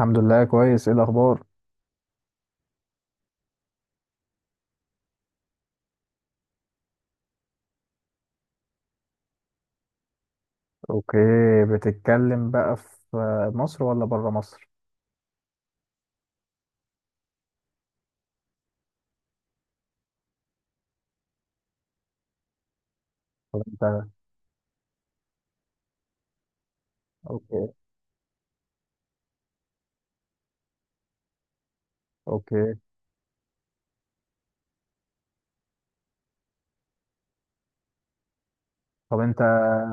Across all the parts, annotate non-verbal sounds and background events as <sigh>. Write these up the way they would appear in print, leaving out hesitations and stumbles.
الحمد لله، كويس. ايه الاخبار؟ اوكي. بتتكلم بقى في مصر ولا بره مصر؟ طب انت. اوكي. اوكي. طب انت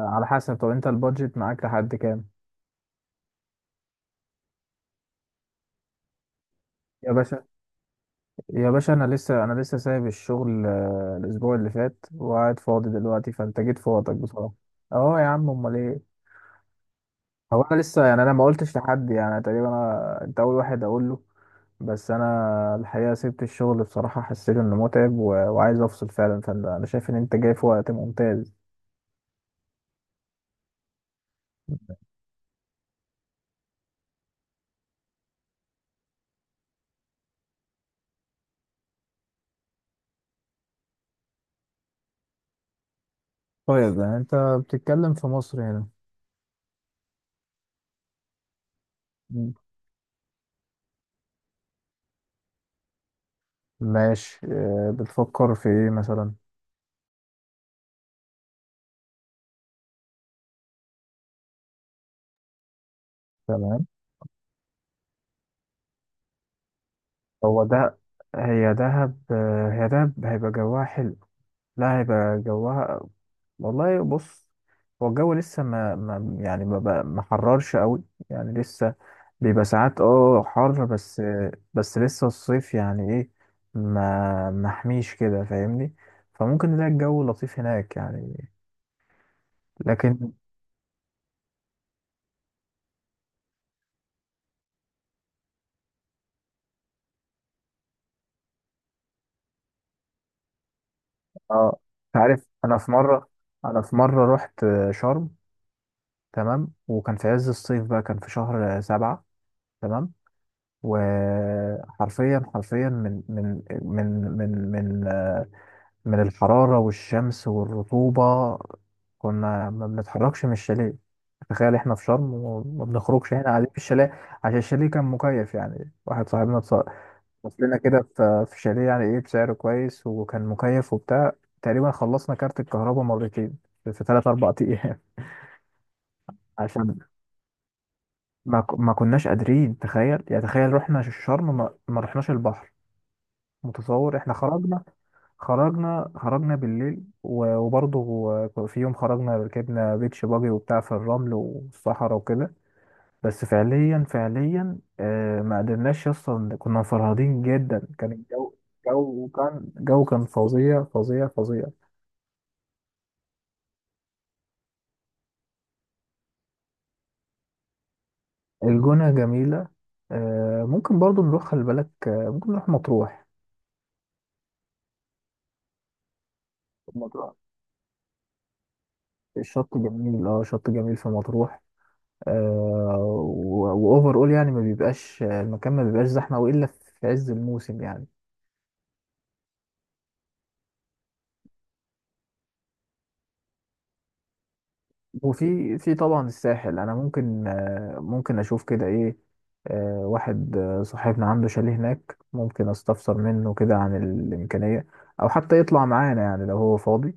على حسب. طب انت البادجت معاك لحد كام؟ يا باشا، يا باشا، انا لسه سايب الشغل، الاسبوع اللي فات وقاعد فاضي دلوقتي، فانت جيت في وقتك بصراحه. اه يا عم، امال ايه؟ هو انا لسه، يعني انا ما قلتش لحد، يعني تقريبا انا، انت اول واحد اقول له. بس انا الحقيقه سبت الشغل بصراحه، حسيت انه متعب و... وعايز افصل فعلا، فانت انا شايف ان انت جاي في وقت ممتاز. طيب يعني انت بتتكلم في مصر هنا؟ مم. ماشي. بتفكر في ايه مثلا؟ تمام. هو ده، هي دهب، هي دهب هيبقى جواها حلو. لا، هيبقى جوها، والله، بص، هو الجو لسه ما يعني ما حررش قوي، يعني لسه بيبقى ساعات اه حر، بس بس لسه الصيف يعني ايه، ما محميش كده، فاهمني؟ فممكن نلاقي الجو لطيف هناك يعني، لكن. اه. أنت عارف، انا في مرة، انا في مرة رحت شرم، تمام، وكان في عز الصيف، بقى كان في شهر سبعة، تمام. وحرفيا حرفيا من من آه، من الحرارة والشمس والرطوبة، كنا ما بنتحركش من الشاليه. تخيل، احنا في شرم وما بنخرجش، هنا قاعدين في الشاليه. عشان الشاليه كان مكيف، يعني واحد صاحبنا بص لنا كده في شاليه يعني ايه بسعر كويس وكان مكيف وبتاع. تقريبا خلصنا كارت الكهرباء مرتين في ثلاث اربع ايام. <laughs> عشان ما كناش قادرين. تخيل يعني تخيل، رحنا الشرم ما رحناش البحر. متصور؟ احنا خرجنا، خرجنا، خرجنا بالليل و- وبرضه، في يوم خرجنا ركبنا بيتش باجي وبتاع في الرمل والصحراء وكده. بس فعليا فعليا ما قدرناش اصلا، كنا مفرهدين جدا، كان الجو، جو كان، جو كان فظيع فظيع فظيع. الجونة جميلة. آه ممكن برضه نروح، خلي بالك ممكن نروح مطروح. مطروح الشط جميل، اه شط جميل في مطروح، واوفر اول، يعني ما بيبقاش المكان، ما بيبقاش زحمه والا في عز الموسم يعني. وفي، في طبعا الساحل انا ممكن، ممكن اشوف كده ايه. واحد، صاحبنا عنده شاليه هناك ممكن استفسر منه كده عن الامكانيه، او حتى يطلع معانا يعني لو هو فاضي.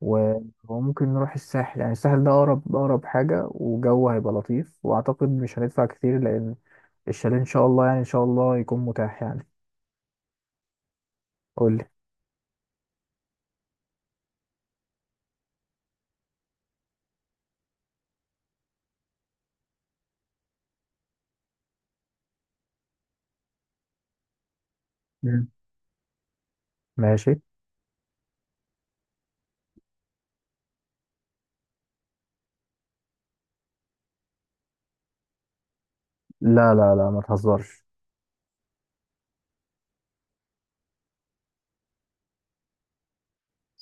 و- وممكن نروح الساحل، يعني الساحل ده اقرب اقرب حاجه، وجو هيبقى لطيف، واعتقد مش هندفع كتير، لان الشاليه ان شاء الله يعني ان شاء الله يكون متاح يعني. قول لي. مم. ماشي. لا لا لا، ما تهزرش.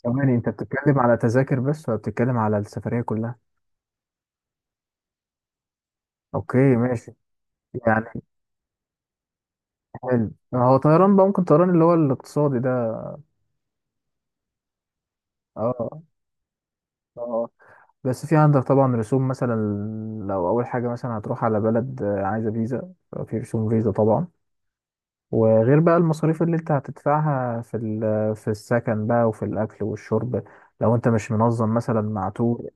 ثواني، انت بتتكلم على تذاكر بس ولا بتتكلم على السفرية كلها؟ اوكي ماشي. يعني حلو، هو طيران بقى، ممكن طيران اللي هو الاقتصادي ده. اه اه. آه. بس في عندك طبعا رسوم مثلا، لو اول حاجة مثلا هتروح على بلد عايزة فيزا، في رسوم فيزا طبعا، وغير بقى المصاريف اللي انت هتدفعها في في السكن بقى، وفي الاكل والشرب، لو انت مش منظم مثلا مع تور.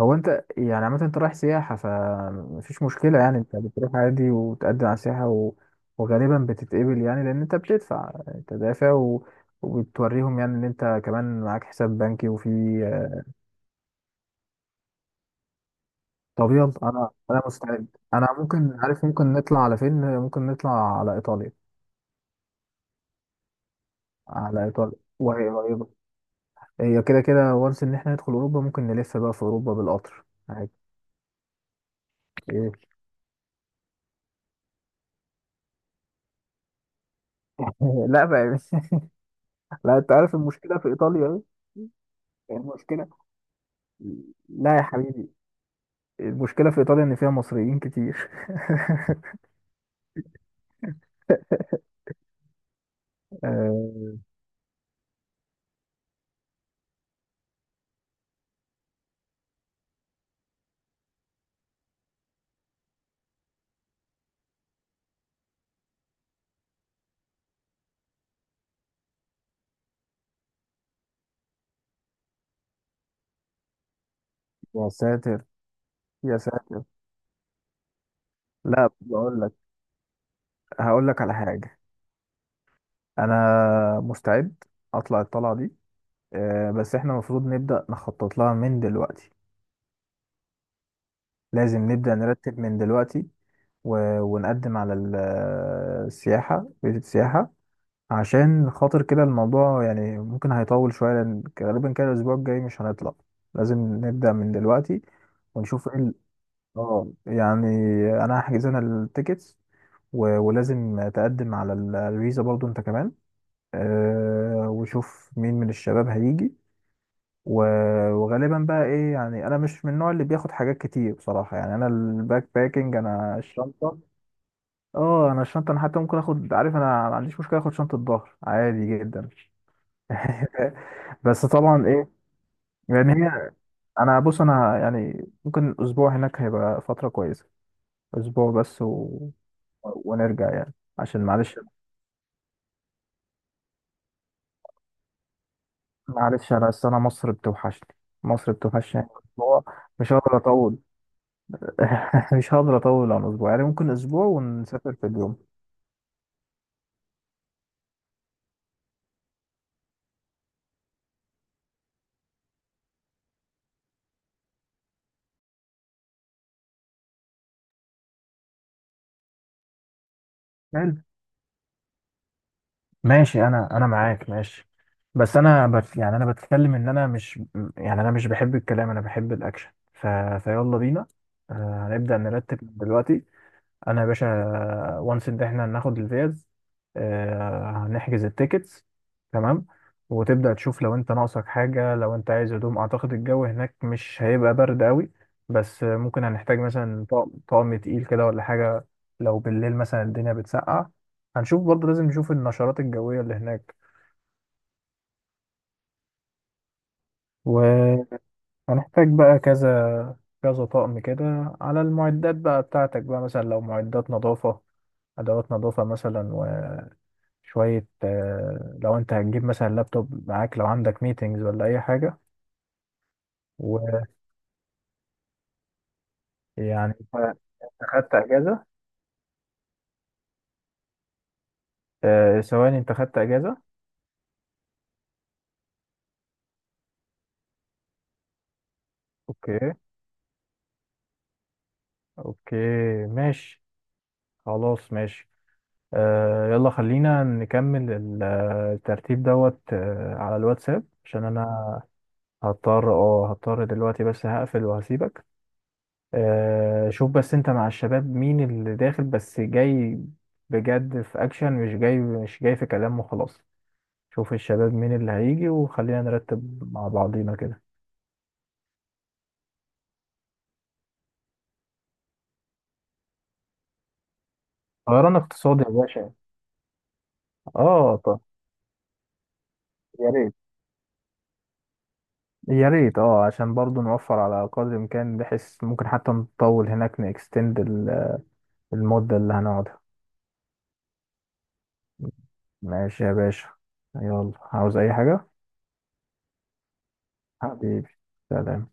هو انت يعني عامة انت رايح سياحة فمفيش مشكلة، يعني انت بتروح عادي وتقدم على سياحة، و... وغالبا بتتقبل، يعني لان انت بتدفع تدافع و... وبتوريهم يعني ان انت كمان معاك حساب بنكي وفي. طب يلا، انا مستعد. انا ممكن، عارف ممكن نطلع على فين؟ ممكن نطلع على ايطاليا، على ايطاليا، وهي قريبة. هي كده كده وانس ان احنا ندخل اوروبا، ممكن نلف بقى في اوروبا بالقطر عادي. ايه؟ <laughs> لا بقى. <laughs> لا انت عارف المشكلة في ايطاليا. ايه المشكلة؟ لا يا حبيبي، المشكلة في إيطاليا إن فيها مصريين كتير. <laughs> آه، يا ساتر، يا ساتر. لا بقول لك، هقول لك على حاجة. أنا مستعد أطلع الطلعة دي، بس إحنا المفروض نبدأ نخطط لها من دلوقتي، لازم نبدأ نرتب من دلوقتي، و... ونقدم على السياحة، فيزا السياحة، عشان خاطر كده الموضوع يعني ممكن هيطول شوية، لأن غالبا كده الأسبوع الجاي مش هنطلع، لازم نبدأ من دلوقتي ونشوف ايه. اه يعني، انا هحجز، انا التيكتس، و- ولازم تقدم على الفيزا برضو انت كمان. أه، وشوف مين من الشباب هيجي، وغالبا بقى ايه، يعني انا مش من النوع اللي بياخد حاجات كتير بصراحة، يعني انا الباك باكينج، انا الشنطة، اه انا الشنطة، انا حتى ممكن اخد، عارف انا ما عنديش مشكلة اخد شنطة ظهر عادي جدا. <laughs> بس طبعا ايه، يعني هي، انا بص، انا يعني ممكن اسبوع هناك هيبقى فترة كويسة، اسبوع بس ونرجع يعني، عشان معلش، معلش انا أصل انا مصر بتوحشني، مصر بتوحشني يعني، اسبوع مش هقدر اطول، <laughs> مش هقدر اطول عن اسبوع، يعني ممكن اسبوع ونسافر في اليوم. حلو، ماشي، انا معاك ماشي، بس انا بت يعني انا بتكلم ان انا مش، يعني انا مش بحب الكلام، انا بحب الاكشن، فيلا بينا، هنبدأ نرتب دلوقتي. انا يا باشا، وانس ان احنا هناخد الفيز، هنحجز التيكتس، تمام. وتبدأ تشوف لو انت ناقصك حاجة، لو انت عايز هدوم، اعتقد الجو هناك مش هيبقى برد قوي، بس ممكن هنحتاج مثلا طقم تقيل كده ولا حاجة، لو بالليل مثلا الدنيا بتسقع، هنشوف برضه لازم نشوف النشرات الجوية اللي هناك. وهنحتاج بقى كذا كذا طقم كده على المعدات بقى بتاعتك بقى، مثلا لو معدات نظافة، أدوات نظافة مثلا. شوية لو انت هتجيب مثلا لابتوب معاك لو عندك ميتينجز ولا اي حاجة. ويعني انت، أنت خدت اجازة؟ ثواني، انت خدت اجازة؟ اوكي، اوكي، ماشي، خلاص ماشي، يلا خلينا نكمل الترتيب دوت على الواتساب، عشان انا هضطر، دلوقتي بس هقفل وهسيبك. شوف بس انت مع الشباب مين اللي داخل بس جاي بجد في اكشن، مش جاي، مش جاي في كلام وخلاص، شوف الشباب مين اللي هيجي وخلينا نرتب مع بعضينا كده. طيران اقتصادي يا باشا. اه طب، يا ريت، يا ريت اه عشان برضو نوفر على قدر الامكان، بحيث ممكن حتى نطول هناك، نكستند المدة اللي هنقعدها. ماشي يا باشا. يلا، عاوز اي حاجة؟ حبيبي، سلام.